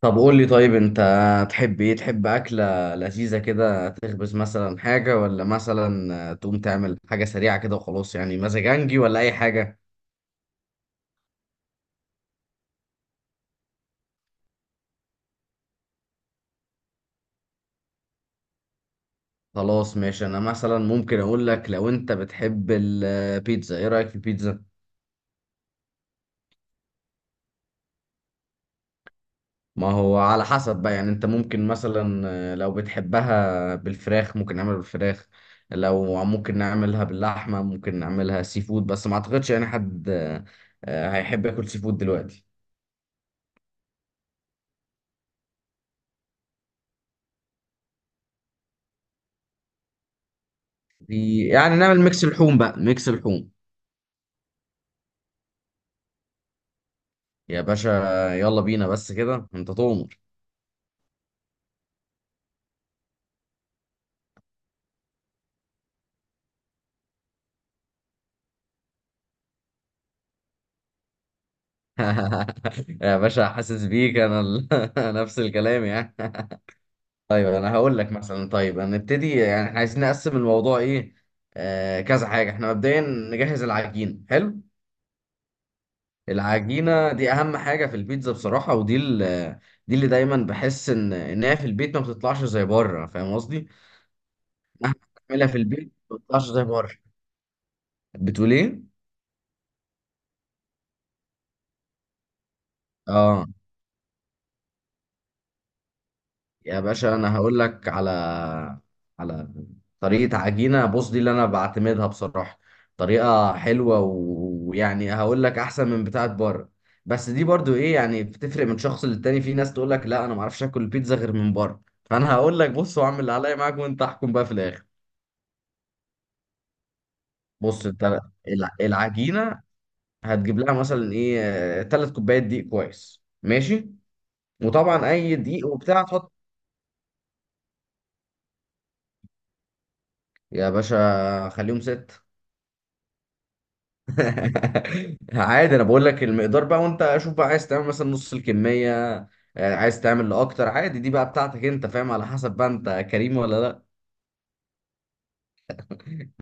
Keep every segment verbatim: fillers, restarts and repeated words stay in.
طب قول لي، طيب انت تحب ايه؟ تحب اكله لذيذه كده تخبز مثلا حاجه، ولا مثلا تقوم تعمل حاجه سريعه كده وخلاص، يعني مزاجنجي ولا اي حاجه؟ خلاص ماشي، انا مثلا ممكن اقول لك لو انت بتحب البيتزا، ايه رايك في البيتزا؟ ما هو على حسب بقى، يعني انت ممكن مثلا لو بتحبها بالفراخ ممكن نعملها بالفراخ، لو ممكن نعملها باللحمه، ممكن نعملها سي فود، بس ما اعتقدش يعني حد آه، هيحب ياكل سي فود دلوقتي. في يعني نعمل ميكس لحوم بقى، ميكس لحوم. يا باشا، يلا بينا، بس كده انت تؤمر. يا باشا، حاسس بيك انا ال... نفس الكلام يعني. طيب انا هقول لك مثلا، طيب هنبتدي، يعني إحنا عايزين نقسم الموضوع ايه، آه كذا حاجه. احنا مبدئيا نجهز العجين، حلو. العجينه دي اهم حاجه في البيتزا بصراحه، ودي ال... دي اللي دايما بحس ان ان هي في البيت ما بتطلعش زي بره، فاهم قصدي؟ تعملها في البيت ما بتطلعش زي بره. بتقول ايه؟ اه يا باشا، انا هقول لك على على طريقه عجينه، بص دي اللي انا بعتمدها بصراحه. طريقه حلوه و- ويعني هقول لك احسن من بتاعه بره، بس دي برضو ايه، يعني بتفرق من شخص للتاني. في ناس تقول لك لا انا ما اعرفش اكل البيتزا غير من بره، فانا هقول لك بص، واعمل اللي عليا معاك، وانت احكم بقى في الاخر. بص انت، الع- العجينه هتجيب لها مثلا ايه، ثلاث كوبايات دقيق، كويس ماشي. وطبعا اي دقيق وبتاع تحط. يا باشا خليهم ست. عادي، انا بقول لك المقدار بقى، وانت شوف بقى عايز تعمل مثلا نص الكميه، آه، عايز تعمل لاكتر، عادي دي بقى بتاعتك انت، فاهم؟ على حسب بقى انت كريم ولا لا.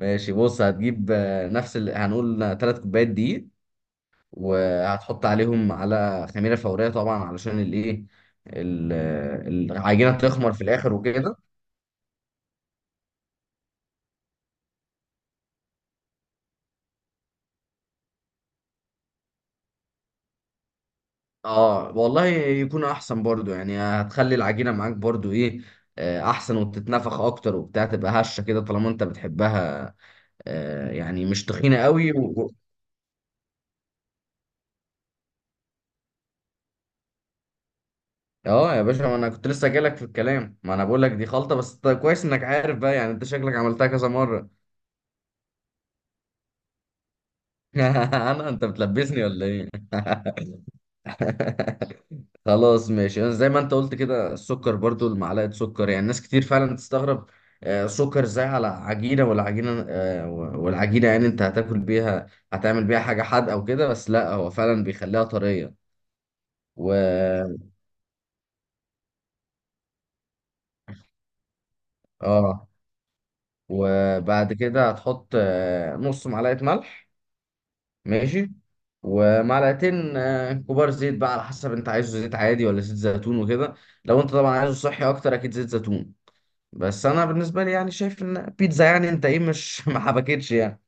ماشي، بص هتجيب آه، نفس اللي هنقول، ثلاث كوبايات دقيق، وهتحط عليهم على خميره فوريه طبعا، علشان الايه، ال- آه، العجينه تخمر في الاخر وكده. اه والله يكون احسن برضو، يعني هتخلي العجينه معاك برضو ايه، آه، احسن، وتتنفخ اكتر وبتاع، تبقى هشه كده طالما انت بتحبها، آه، يعني مش تخينة قوي و... اه يا باشا، ما انا كنت لسه جايلك في الكلام. ما انا بقول لك دي خلطة، بس طيب كويس انك عارف بقى، يعني انت شكلك عملتها كذا مرة. انا انت بتلبسني ولا ايه؟ خلاص ماشي، زي ما انت قلت كده، السكر برضو المعلقة سكر، يعني ناس كتير فعلا تستغرب، آه، سكر ازاي على عجينة، والعجينة آه، والعجينة يعني انت هتاكل بيها، هتعمل بيها حاجة حادقة وكده، بس لا هو فعلا بيخليها طرية. و اه وبعد كده هتحط آه، نص معلقة ملح، ماشي. ومعلقتين آه، كبار زيت، بقى على حسب انت عايزه زيت عادي ولا زيت زيتون وكده. لو انت طبعا عايزه صحي اكتر، اكيد زيت زيتون. بس انا بالنسبة لي يعني شايف ان بيتزا، يعني انت ايه، مش ما حبكتش يعني.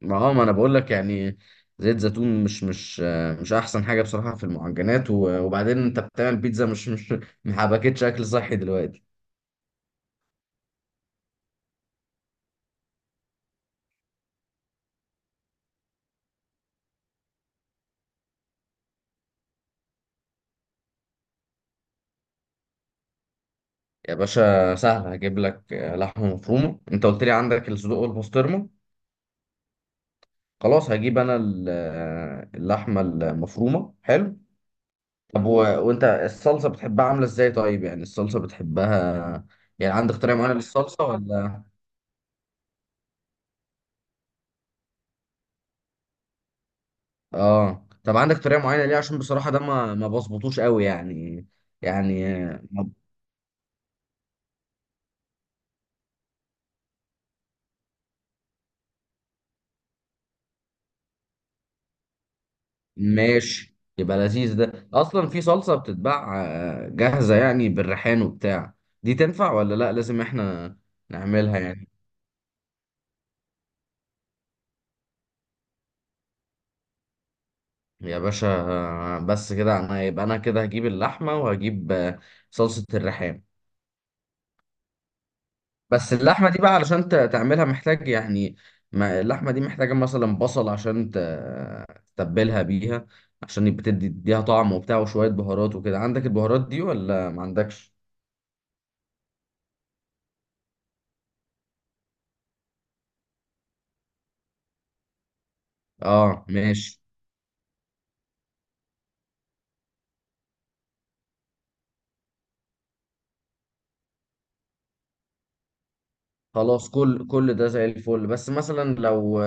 ما هو ما انا بقول لك يعني، زيت زيتون مش مش آه، مش احسن حاجة بصراحة في المعجنات، و- وبعدين انت بتعمل بيتزا، مش مش ما حبكتش اكل صحي دلوقتي. يا باشا سهل، هجيب لك آه، لحمة مفرومة. انت قلت لي عندك الصدوق والبسطرمة، خلاص هجيب انا ال- آه، اللحمة المفرومة، حلو. طب و... وانت الصلصة بتحبها عاملة ازاي طيب، يعني الصلصة بتحبها؟ يعني عندك طريقة معينة للصلصة ولا؟ اه طب عندك طريقة معينة ليه؟ عشان بصراحة ده ما ما بظبطوش قوي يعني. يعني ماشي، يبقى لذيذ. ده اصلا في صلصه بتتباع آه، جاهزه، يعني بالريحان وبتاع. دي تنفع ولا لا لازم احنا نعملها يعني؟ يا باشا آه، بس كده انا، يبقى انا كده هجيب اللحمه، وهجيب آه، صلصه الريحان. بس اللحمه دي بقى علشان ت- تعملها محتاج يعني، ما اللحمه دي محتاجه مثلا بصل عشان ت- تتبلها بيها، عشان يبقى تدي تديها طعم وبتاع، وشويه بهارات وكده. عندك البهارات دي ولا ما عندكش؟ اه ماشي. خلاص كل كل ده زي الفل، بس مثلا لو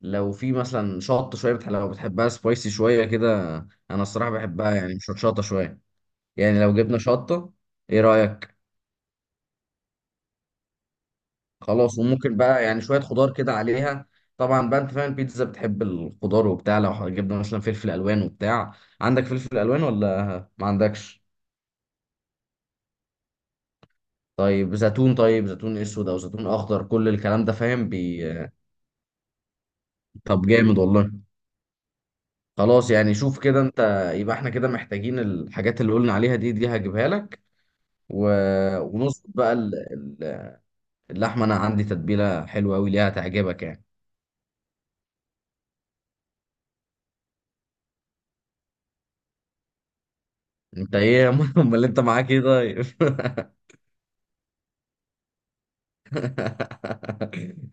لو في مثلا شطه شويه، بتح... لو بتحبها سبايسي شويه كده. انا الصراحه بحبها يعني مش شطه شويه، يعني لو جبنا شطه ايه رايك؟ خلاص. وممكن بقى يعني شويه خضار كده عليها، طبعا بقى انت فاهم البيتزا بتحب الخضار وبتاع. لو جبنا مثلا فلفل الوان وبتاع، عندك فلفل الوان ولا ما عندكش؟ طيب زيتون، طيب زيتون اسود او زيتون اخضر، كل الكلام ده، فاهم بي... طب جامد والله. خلاص يعني شوف كده انت، يبقى احنا كده محتاجين الحاجات اللي قلنا عليها دي، دي هجيبها لك. و... ونظبط بقى ال- ال- اللحمه، انا عندي تتبيله حلوه قوي ليها، تعجبك يعني. انت ايه يا عم؟ امال انت معاك ايه طيب؟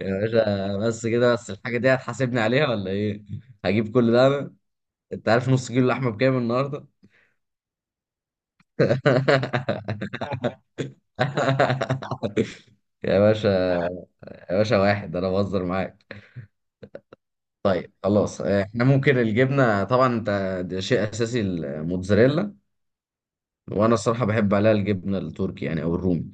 يا باشا بس كده، بس الحاجه دي هتحاسبني عليها ولا ايه؟ هجيب كل ده انا؟ انت عارف نص كيلو لحمه بكام النهارده؟ يا باشا، يا باشا واحد، انا بهزر معاك. طيب خلاص، آه، احنا ممكن الجبنه طبعا انت، ده شيء اساسي الموتزاريلا. وانا الصراحه بحب عليها الجبنه التركي، يعني او الرومي.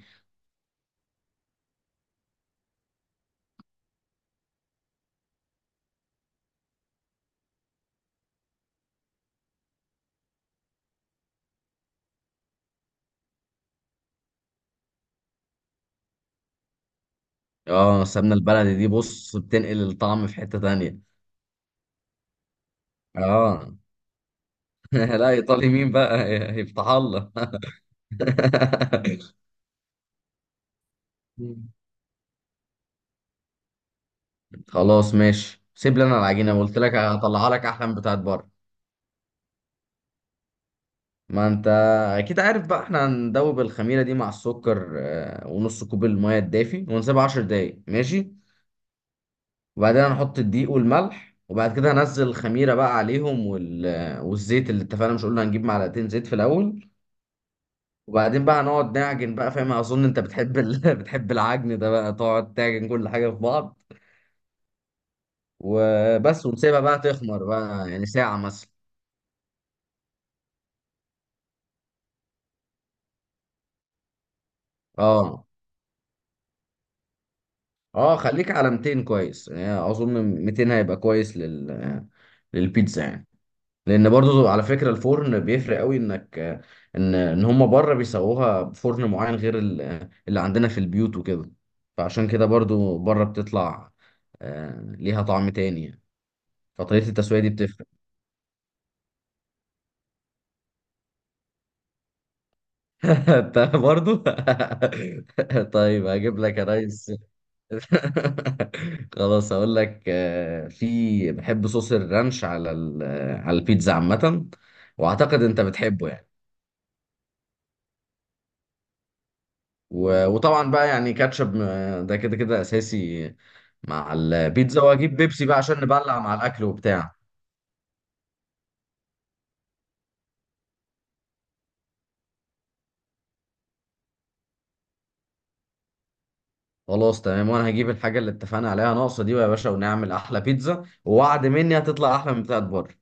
اه السمنه البلدي دي بص، بتنقل الطعم في حته تانية. اه لا ايطالي مين بقى، يفتح الله. خلاص ماشي، سيب لي انا العجينه، قلت لك هطلعها لك احلى من بتاعت بره. ما انت اكيد عارف بقى، احنا هندوب الخميره دي مع السكر آه، ونص كوب الميه الدافي، ونسيبها 10 دقايق ماشي. وبعدين هنحط الدقيق والملح، وبعد كده هنزل الخميرة بقى عليهم، وال... والزيت اللي اتفقنا، مش قلنا هنجيب معلقتين زيت في الأول. وبعدين بقى هنقعد نعجن بقى، فاهم؟ أظن أنت بتحب ال... بتحب العجن ده بقى، تقعد تعجن كل حاجة في بعض وبس، ونسيبها بقى تخمر بقى يعني ساعة مثلا. اه اه خليك على مئتين كويس، يعني أظن مئتين هيبقى كويس لل... للبيتزا يعني. لان برضو على فكره الفرن بيفرق قوي، انك ان ان هم بره بيسووها بفرن معين غير ال- اللي عندنا في البيوت وكده، فعشان كده برضو بره بتطلع آه، ليها طعم تاني يعني. فطريقه التسويه دي بتفرق. انت برضو. طيب هجيب لك يا ريس. خلاص هقول لك آه، في بحب صوص الرانش على ال- على البيتزا عامه، واعتقد انت بتحبه يعني. و- وطبعا بقى يعني كاتشب، م- ده كده كده اساسي مع البيتزا. واجيب بيبسي بقى عشان نبلع مع الاكل وبتاع. خلاص تمام، وانا هجيب الحاجه اللي اتفقنا عليها ناقصه دي يا باشا، ونعمل احلى بيتزا، ووعد مني هتطلع احلى من بتاعت بره.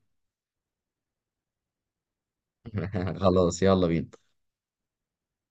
خلاص يلا بينا.